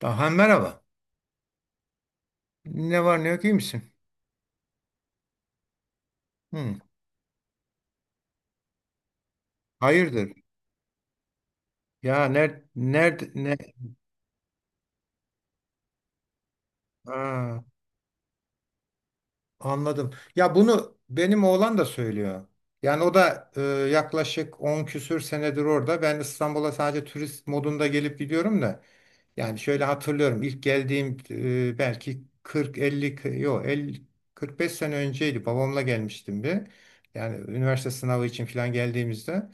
Aha, merhaba. Ne var ne yok iyi misin? Hı, hayırdır? Ya nerede nerede ne? Aa, anladım. Ya bunu benim oğlan da söylüyor. Yani o da yaklaşık 10 küsür senedir orada. Ben İstanbul'a sadece turist modunda gelip gidiyorum da. Yani şöyle hatırlıyorum. İlk geldiğim belki 40-50 yok 50 45 sene önceydi. Babamla gelmiştim bir. Yani üniversite sınavı için falan geldiğimizde.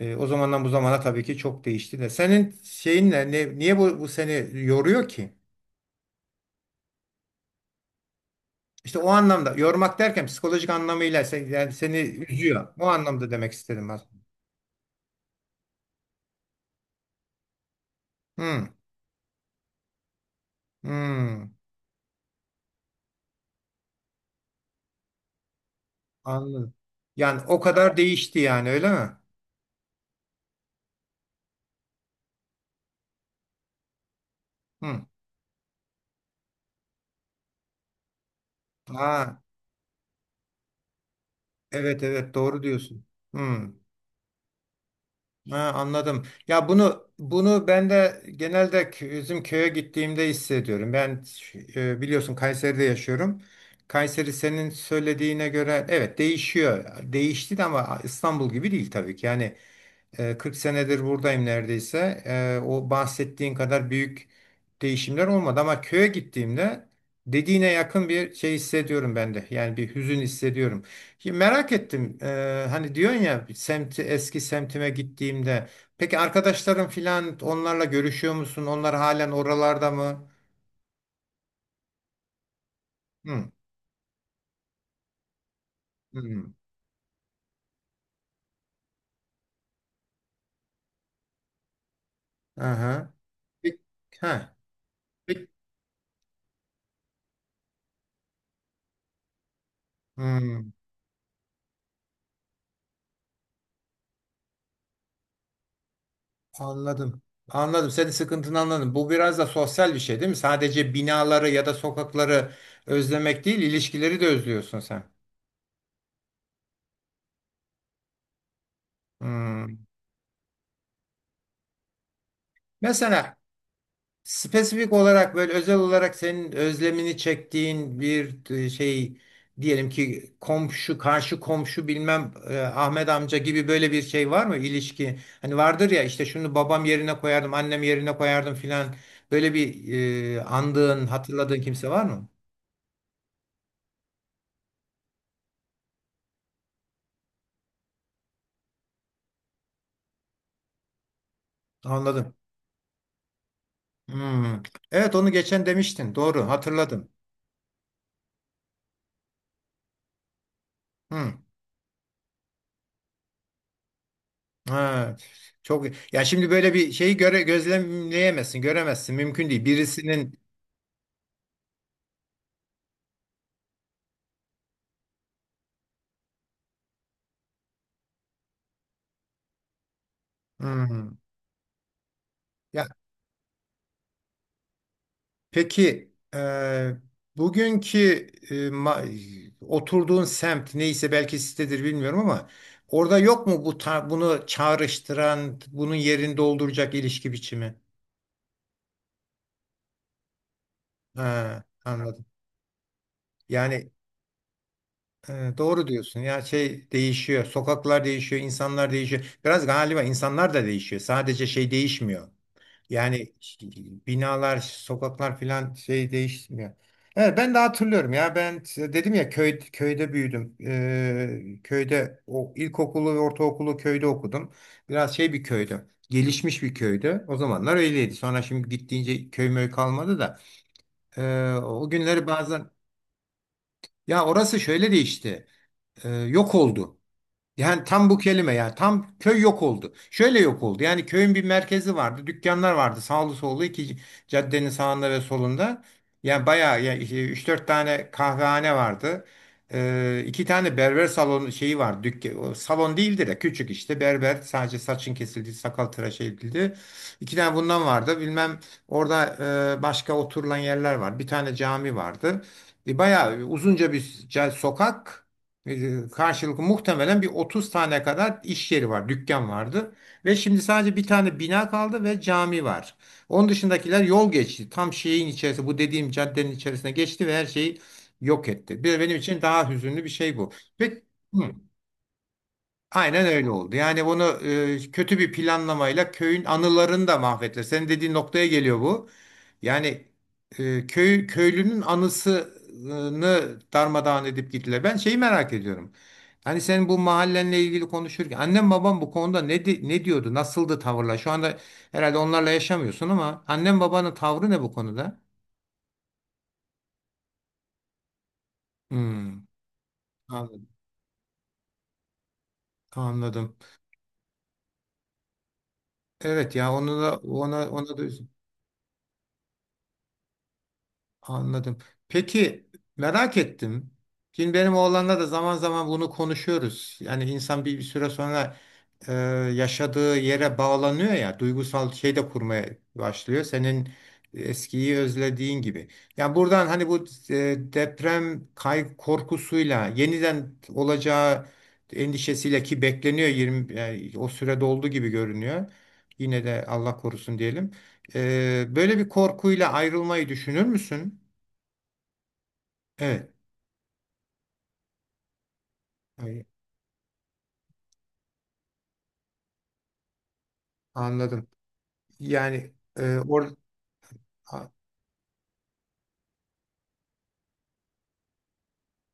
O zamandan bu zamana tabii ki çok değişti de. Senin şeyin niye bu seni yoruyor ki? İşte o anlamda yormak derken psikolojik anlamıyla sen, yani seni üzüyor. O anlamda demek istedim aslında. Hmm, hmm, anladım. Yani o kadar değişti yani öyle mi? Hmm. Ha, evet, evet, doğru diyorsun. Hmm. Ha, anladım. Ya bunu ben de genelde bizim köye gittiğimde hissediyorum. Ben biliyorsun Kayseri'de yaşıyorum. Kayseri senin söylediğine göre evet değişiyor. Değişti de ama İstanbul gibi değil tabii ki. Yani 40 senedir buradayım neredeyse. O bahsettiğin kadar büyük değişimler olmadı ama köye gittiğimde dediğine yakın bir şey hissediyorum ben de. Yani bir hüzün hissediyorum. Şimdi merak ettim. Hani diyorsun ya semti eski semtime gittiğimde. Peki arkadaşların filan onlarla görüşüyor musun? Onlar halen oralarda mı? Hı. Hı. Aha. Peki, ha. Peki. Hı. Anladım. Anladım. Senin sıkıntını anladım. Bu biraz da sosyal bir şey değil mi? Sadece binaları ya da sokakları özlemek değil, ilişkileri de özlüyorsun sen. Hmm. Mesela spesifik olarak böyle özel olarak senin özlemini çektiğin bir şey diyelim ki komşu, karşı komşu bilmem Ahmet amca gibi böyle bir şey var mı ilişki? Hani vardır ya işte şunu babam yerine koyardım, annem yerine koyardım filan. Böyle bir andığın, hatırladığın kimse var mı? Anladım. Hmm. Evet onu geçen demiştin. Doğru hatırladım. Hmm. Ha. Çok ya şimdi böyle bir şeyi göre gözlemleyemezsin, göremezsin. Mümkün değil. Birisinin. Hmm. Ya peki bugünkü oturduğun semt neyse belki sitedir bilmiyorum ama orada yok mu bunu çağrıştıran, bunun yerini dolduracak ilişki biçimi? Ha, anladım. Yani doğru diyorsun. Ya şey değişiyor. Sokaklar değişiyor, insanlar değişiyor. Biraz galiba insanlar da değişiyor. Sadece şey değişmiyor. Yani binalar, sokaklar filan şey değişmiyor. Evet, ben de hatırlıyorum ya. Ben dedim ya köy, köyde büyüdüm. Köyde o ilkokulu ve ortaokulu köyde okudum. Biraz şey bir köydü. Gelişmiş bir köydü. O zamanlar öyleydi. Sonra şimdi gittiğince köy möy kalmadı da. O günleri bazen ya orası şöyle değişti. Yok oldu. Yani tam bu kelime ya. Tam köy yok oldu. Şöyle yok oldu. Yani köyün bir merkezi vardı. Dükkanlar vardı. Sağlı sollu iki caddenin sağında ve solunda. Yani bayağı ya 3-4 tane kahvehane vardı. İki tane berber salonu şeyi var. Dükkan, o salon değildi de küçük işte berber sadece saçın kesildi, sakal tıraş edildi. İki tane bundan vardı. Bilmem orada başka oturulan yerler var. Bir tane cami vardı. Bayağı uzunca bir sokak. Karşılıklı muhtemelen bir 30 tane kadar iş yeri var, dükkan vardı. Ve şimdi sadece bir tane bina kaldı ve cami var. Onun dışındakiler yol geçti. Tam şeyin içerisi, bu dediğim caddenin içerisine geçti ve her şeyi yok etti. Bir benim için daha hüzünlü bir şey bu. Peki, hı. Aynen öyle oldu. Yani bunu kötü bir planlamayla köyün anılarını da mahvettiler. Senin dediğin noktaya geliyor bu. Yani köy köylünün anısını darmadağın edip gittiler. Ben şeyi merak ediyorum. Hani senin bu mahallenle ilgili konuşurken annem babam bu konuda ne diyordu? Nasıldı tavırlar? Şu anda herhalde onlarla yaşamıyorsun ama annem babanın tavrı ne bu konuda? Hmm, anladım. Anladım. Evet ya onu da ona da. Anladım. Peki merak ettim. Şimdi benim oğlanla da zaman zaman bunu konuşuyoruz. Yani insan bir süre sonra e, yaşadığı yere bağlanıyor ya, duygusal şey de kurmaya başlıyor. Senin eskiyi özlediğin gibi. Yani buradan hani bu deprem korkusuyla yeniden olacağı endişesiyle ki bekleniyor 20 yani o sürede olduğu gibi görünüyor. Yine de Allah korusun diyelim. Böyle bir korkuyla ayrılmayı düşünür müsün? Evet, ay- anladım. Yani e, or, a-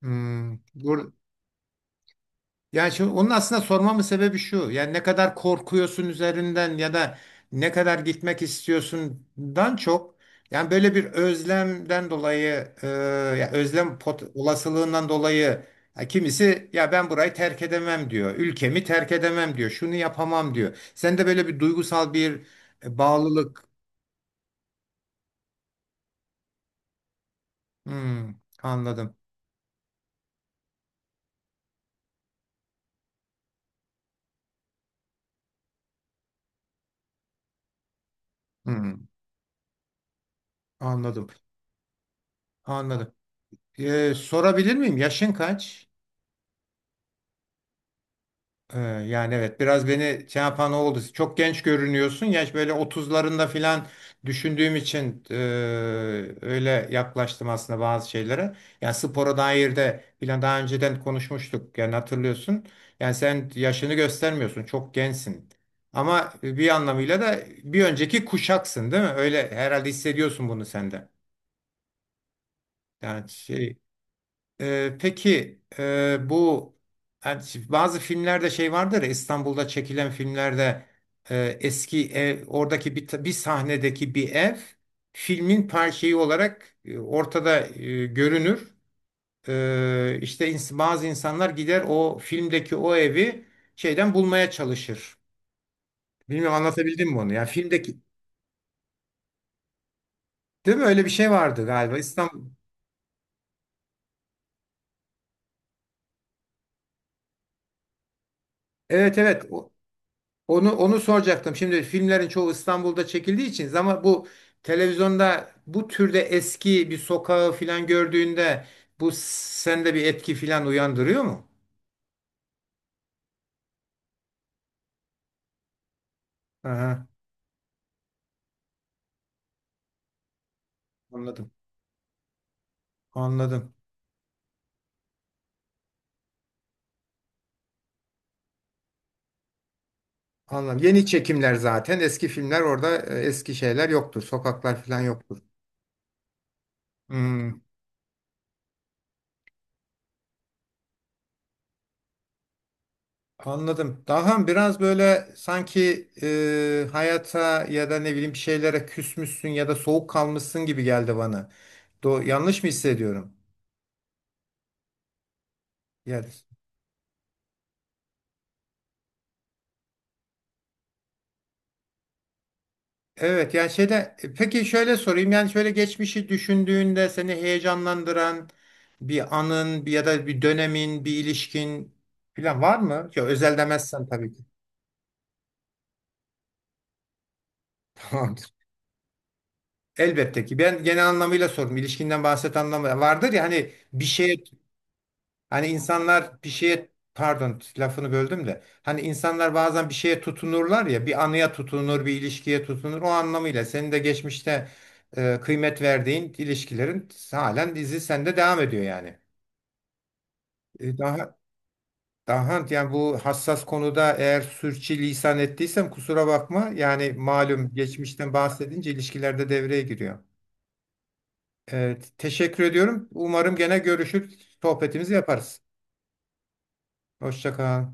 hmm, bur- yani şimdi onun aslında sormamın sebebi şu. Yani ne kadar korkuyorsun üzerinden ya da ne kadar gitmek istiyorsundan çok yani böyle bir özlemden dolayı ya özlem olasılığından dolayı ya kimisi ya ben burayı terk edemem diyor. Ülkemi terk edemem diyor. Şunu yapamam diyor. Sen de böyle bir duygusal bir bağlılık. Hmm, anladım. Hmm, anladım. Anladım. Sorabilir miyim? Yaşın kaç? Yani evet biraz beni şey yapan o oldu. Çok genç görünüyorsun. Yaş böyle otuzlarında filan düşündüğüm için öyle yaklaştım aslında bazı şeylere. Yani spora dair de filan daha önceden konuşmuştuk. Yani hatırlıyorsun. Yani sen yaşını göstermiyorsun. Çok gençsin. Ama bir anlamıyla da bir önceki kuşaksın, değil mi? Öyle herhalde hissediyorsun bunu sende. Yani şey. Peki bu yani bazı filmlerde şey vardır ya İstanbul'da çekilen filmlerde eski ev oradaki bir sahnedeki bir ev filmin parçayı olarak ortada görünür. İşte bazı insanlar gider o filmdeki o evi şeyden bulmaya çalışır. Bilmiyorum anlatabildim mi onu? Yani filmdeki değil mi? Öyle bir şey vardı galiba İstanbul. Evet, evet. Onu soracaktım. Şimdi filmlerin çoğu İstanbul'da çekildiği için ama bu televizyonda bu türde eski bir sokağı filan gördüğünde bu sende bir etki filan uyandırıyor mu? Aha, anladım. Anladım. Anladım. Yeni çekimler zaten eski filmler orada eski şeyler yoktur. Sokaklar filan yoktur. Hmm, anladım. Daha biraz böyle sanki hayata ya da ne bileyim bir şeylere küsmüşsün ya da soğuk kalmışsın gibi geldi bana. Yanlış mı hissediyorum? Yani. Evet yani şeyde peki şöyle sorayım yani şöyle geçmişi düşündüğünde seni heyecanlandıran bir anın bir ya da bir dönemin bir ilişkin falan var mı? Ya özel demezsen tabii ki. Tamamdır. Elbette ki. Ben genel anlamıyla sordum. İlişkinden bahset anlamı vardır ya hani bir şeye. Hani insanlar bir şeye pardon lafını böldüm de hani insanlar bazen bir şeye tutunurlar ya bir anıya tutunur bir ilişkiye tutunur o anlamıyla senin de geçmişte kıymet verdiğin ilişkilerin halen dizi sende devam ediyor yani. E, daha daha yani bu hassas konuda eğer sürçülisan ettiysem kusura bakma yani malum geçmişten bahsedince ilişkilerde devreye giriyor. Evet, teşekkür ediyorum. Umarım gene görüşür, sohbetimizi yaparız. Hoşça kal.